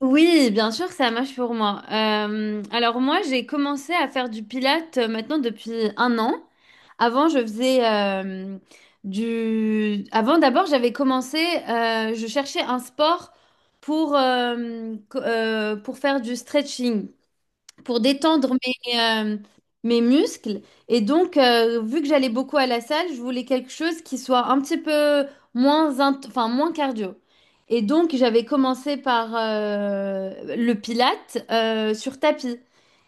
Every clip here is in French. Oui, bien sûr, ça marche pour moi. Alors moi, j'ai commencé à faire du pilates maintenant depuis un an. Avant, je faisais Avant, d'abord, je cherchais un sport pour, pour faire du stretching pour détendre mes muscles. Et donc, vu que j'allais beaucoup à la salle, je voulais quelque chose qui soit un petit peu moins cardio. Et donc, j'avais commencé par le pilate sur tapis.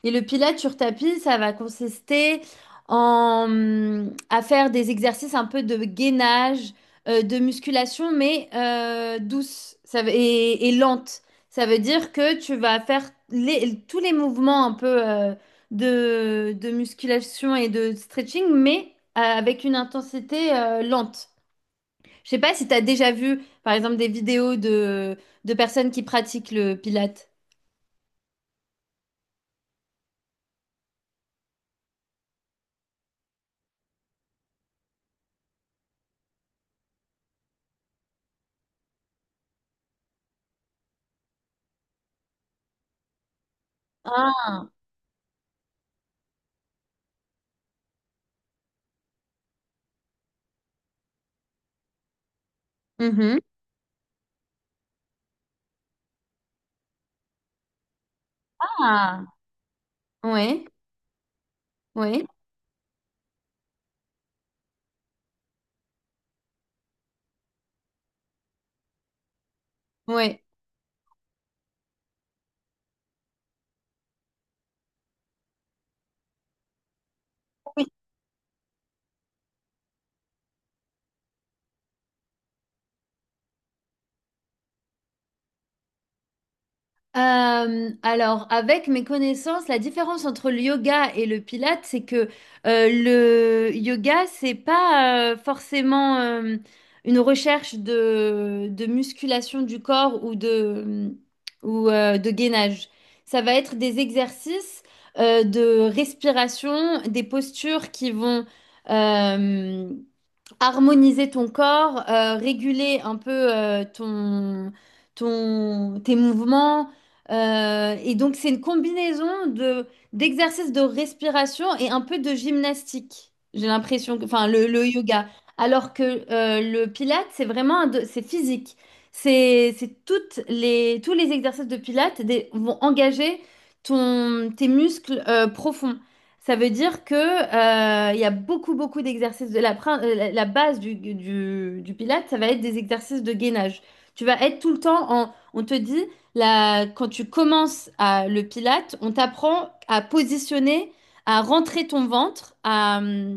Et le pilate sur tapis, ça va consister à faire des exercices un peu de gainage, de musculation, mais douce et lente. Ça veut dire que tu vas tous les mouvements un peu de musculation et de stretching, mais avec une intensité lente. Je sais pas si tu as déjà vu, par exemple, des vidéos de personnes qui pratiquent le pilate. Ah, mhm. Ah, ouais, ouais, ouais. Alors, avec mes connaissances, la différence entre le yoga et le pilate, c'est que le yoga, c'est pas forcément une recherche de musculation du corps ou de gainage. Ça va être des exercices de respiration, des postures qui vont, euh, harmoniser ton corps, réguler un peu ton, tes mouvements. Et donc, c'est une combinaison d'exercices de respiration et un peu de gymnastique. J'ai l'impression que, le yoga. Alors que le pilates, c'est vraiment c'est physique. C'est toutes les, tous les exercices de pilates vont engager tes muscles profonds. Ça veut dire que, il y a beaucoup d'exercices. De la, prin- la la base du Pilate, ça va être des exercices de gainage. Tu vas être tout le temps en. On te dit, là, quand tu commences à, le Pilate, on t'apprend à positionner, à rentrer ton ventre, à.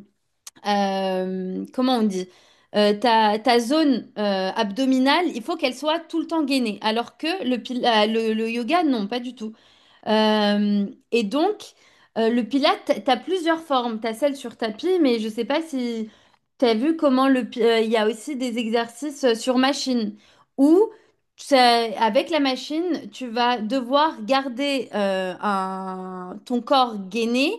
Comment on dit? Ta zone abdominale, il faut qu'elle soit tout le temps gainée. Alors que le yoga, non, pas du tout. Euh, et donc, le Pilate, tu as plusieurs formes. Tu as celle sur tapis, mais je ne sais pas si tu as vu comment il y a aussi des exercices sur machine où c'est- avec la machine, tu vas devoir garder ton corps gainé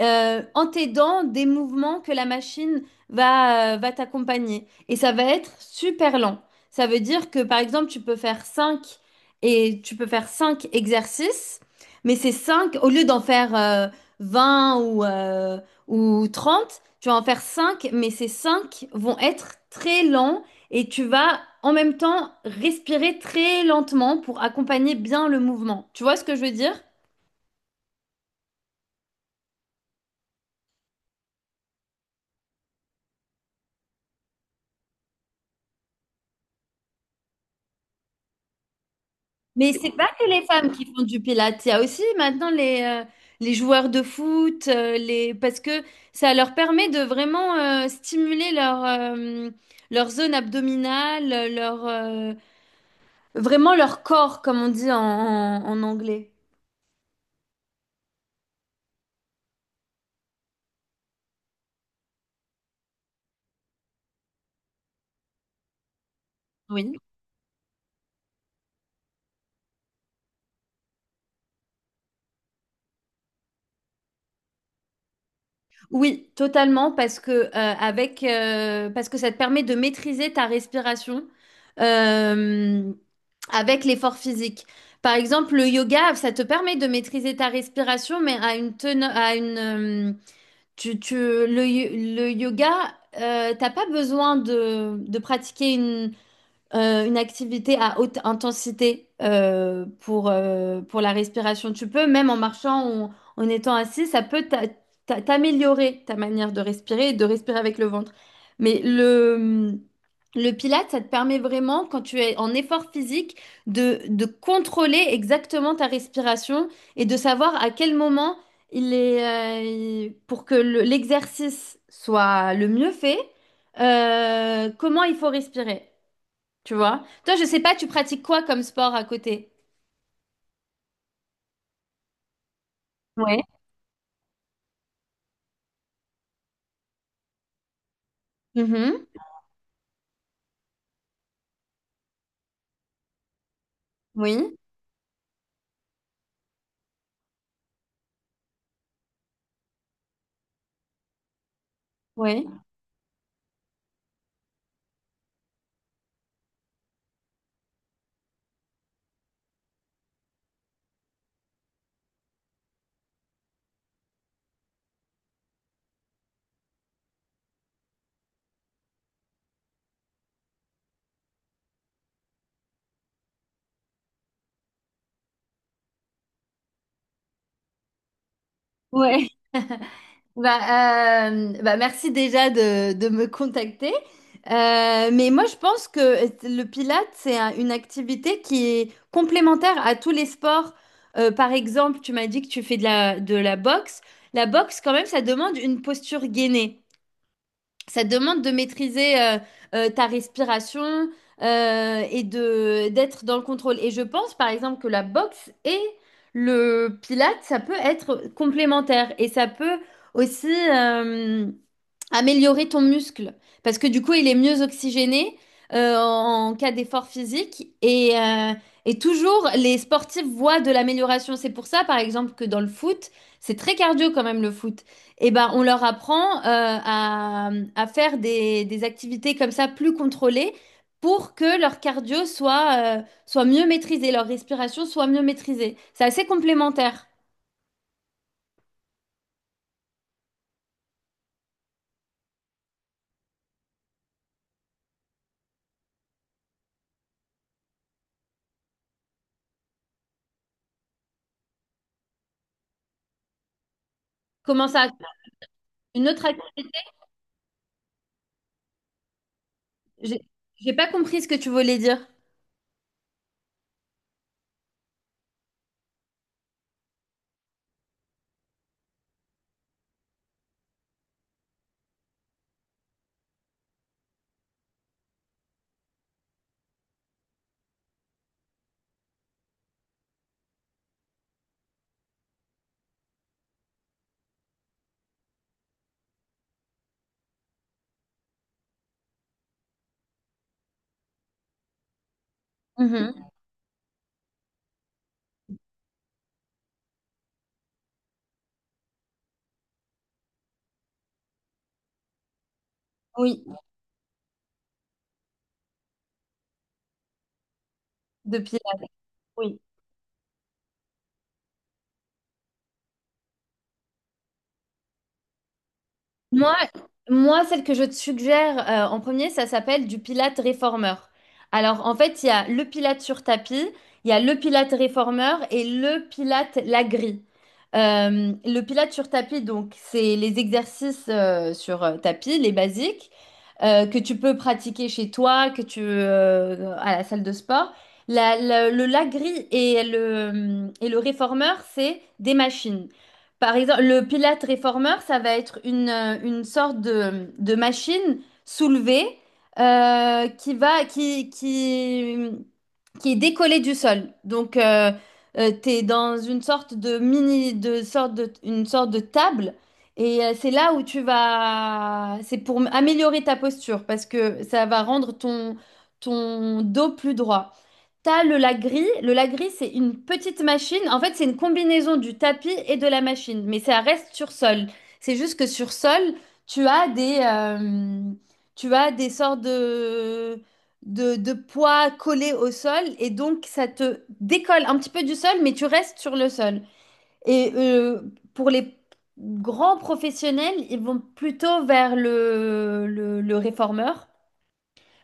en t'aidant des mouvements que la machine va t'accompagner. Et ça va être super lent. Ça veut dire que, par exemple, tu peux faire 5 et tu peux faire 5 exercices. Mais c'est cinq, au lieu d'en faire 20 ou 30, tu vas en faire cinq, mais ces 5 vont être très lents et tu vas en même temps respirer très lentement pour accompagner bien le mouvement. Tu vois ce que je veux dire? Mais c'est pas que les femmes qui font du pilates, il y a aussi maintenant les joueurs de foot, les... parce que ça leur permet de vraiment stimuler leur zone abdominale, leur... vraiment leur corps, comme on dit en anglais. Oui. Oui, totalement, parce que, parce que ça te permet de maîtriser ta respiration euh, avec l'effort physique. Par exemple, le yoga, ça te permet de maîtriser ta respiration, mais à une teneur, à une, tu, tu- le, yo- le yoga, t'as pas besoin de pratiquer une activité à haute intensité pour la respiration. Tu peux, même en marchant ou en étant assis, ça peut t'améliorer ta manière de respirer et de respirer avec le ventre. Mais le, le Pilate, ça te permet vraiment, quand tu es en effort physique, de contrôler exactement ta respiration et de savoir à quel moment pour que l'exercice soit le mieux fait, comment il faut respirer. Tu vois? Toi, je sais pas, tu pratiques quoi comme sport à côté? Ouais. Mhm. Oui, oui. Ouais. Bah, merci déjà de me contacter. Mais moi, je pense que le Pilate, c'est une activité qui est complémentaire à tous les sports. Par exemple, tu m'as dit que tu fais de de la boxe. La boxe, quand même, ça demande une posture gainée. Ça te demande de maîtriser ta respiration et de d'être dans le contrôle. Et je pense, par exemple, que la boxe et le pilate, ça peut être complémentaire. Et ça peut aussi améliorer ton muscle parce que du coup il est mieux oxygéné en cas d'effort physique et et toujours les sportifs voient de l'amélioration. C'est pour ça par exemple que dans le foot, c'est très cardio quand même le foot. Et ben on leur apprend à faire des activités comme ça plus contrôlées pour que leur cardio soit mieux maîtrisé, leur respiration soit mieux maîtrisée. C'est assez complémentaire. Comment ça? Une autre activité? J'ai j'ai pas compris ce que tu voulais dire. Mhm. Oui, de Pilates. Oui. Moi, moi, celle que je te suggère en premier, ça s'appelle du Pilate réformeur. Alors, en fait, il y a le Pilate sur tapis, il y a le Pilate réformeur et le Pilate la grille. Le Pilate sur tapis, donc, c'est les exercices sur tapis, les basiques, que tu peux pratiquer chez toi, que tu à la salle de sport. La- la- le la grille et le réformeur, c'est des machines. Par exemple, le Pilate réformeur, ça va être une sorte de machine soulevée qui va, qui est décollée du sol. Donc, tu es dans une sorte de mini, de sorte de, une sorte de table. Et c'est là où tu vas, c'est pour améliorer ta posture parce que ça va rendre ton dos plus droit. T'as le lagris. Le lagris, c'est une petite machine. En fait, c'est une combinaison du tapis et de la machine, mais ça reste sur sol. C'est juste que sur sol, tu as tu as des sortes de poids collés au sol et donc ça te décolle un petit peu du sol, mais tu restes sur le sol. Et pour les grands professionnels, ils vont plutôt vers le réformeur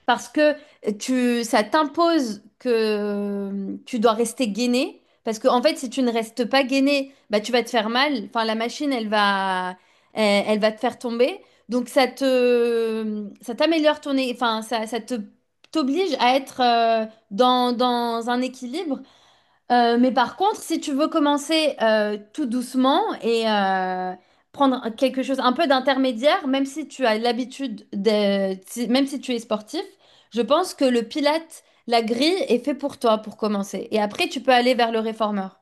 parce que ça t'impose que tu dois rester gainé. Parce que, en fait, si tu ne restes pas gainé, bah, tu vas te faire mal. Enfin, la machine, elle va te faire tomber. Donc, ça t'améliore ton, é- enfin, ça te, t'oblige à être dans un équilibre mais par contre, si tu veux commencer tout doucement et prendre quelque chose un peu d'intermédiaire, même si tu as l'habitude de, même si tu es sportif, je pense que le pilate, la grille est fait pour toi pour commencer. Et après, tu peux aller vers le réformeur.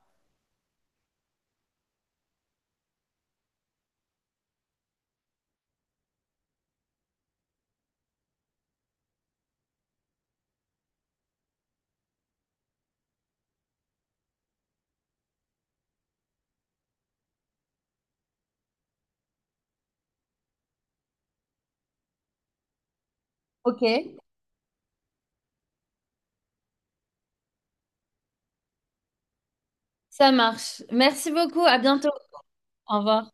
Ok. Ça marche. Merci beaucoup. À bientôt. Au revoir.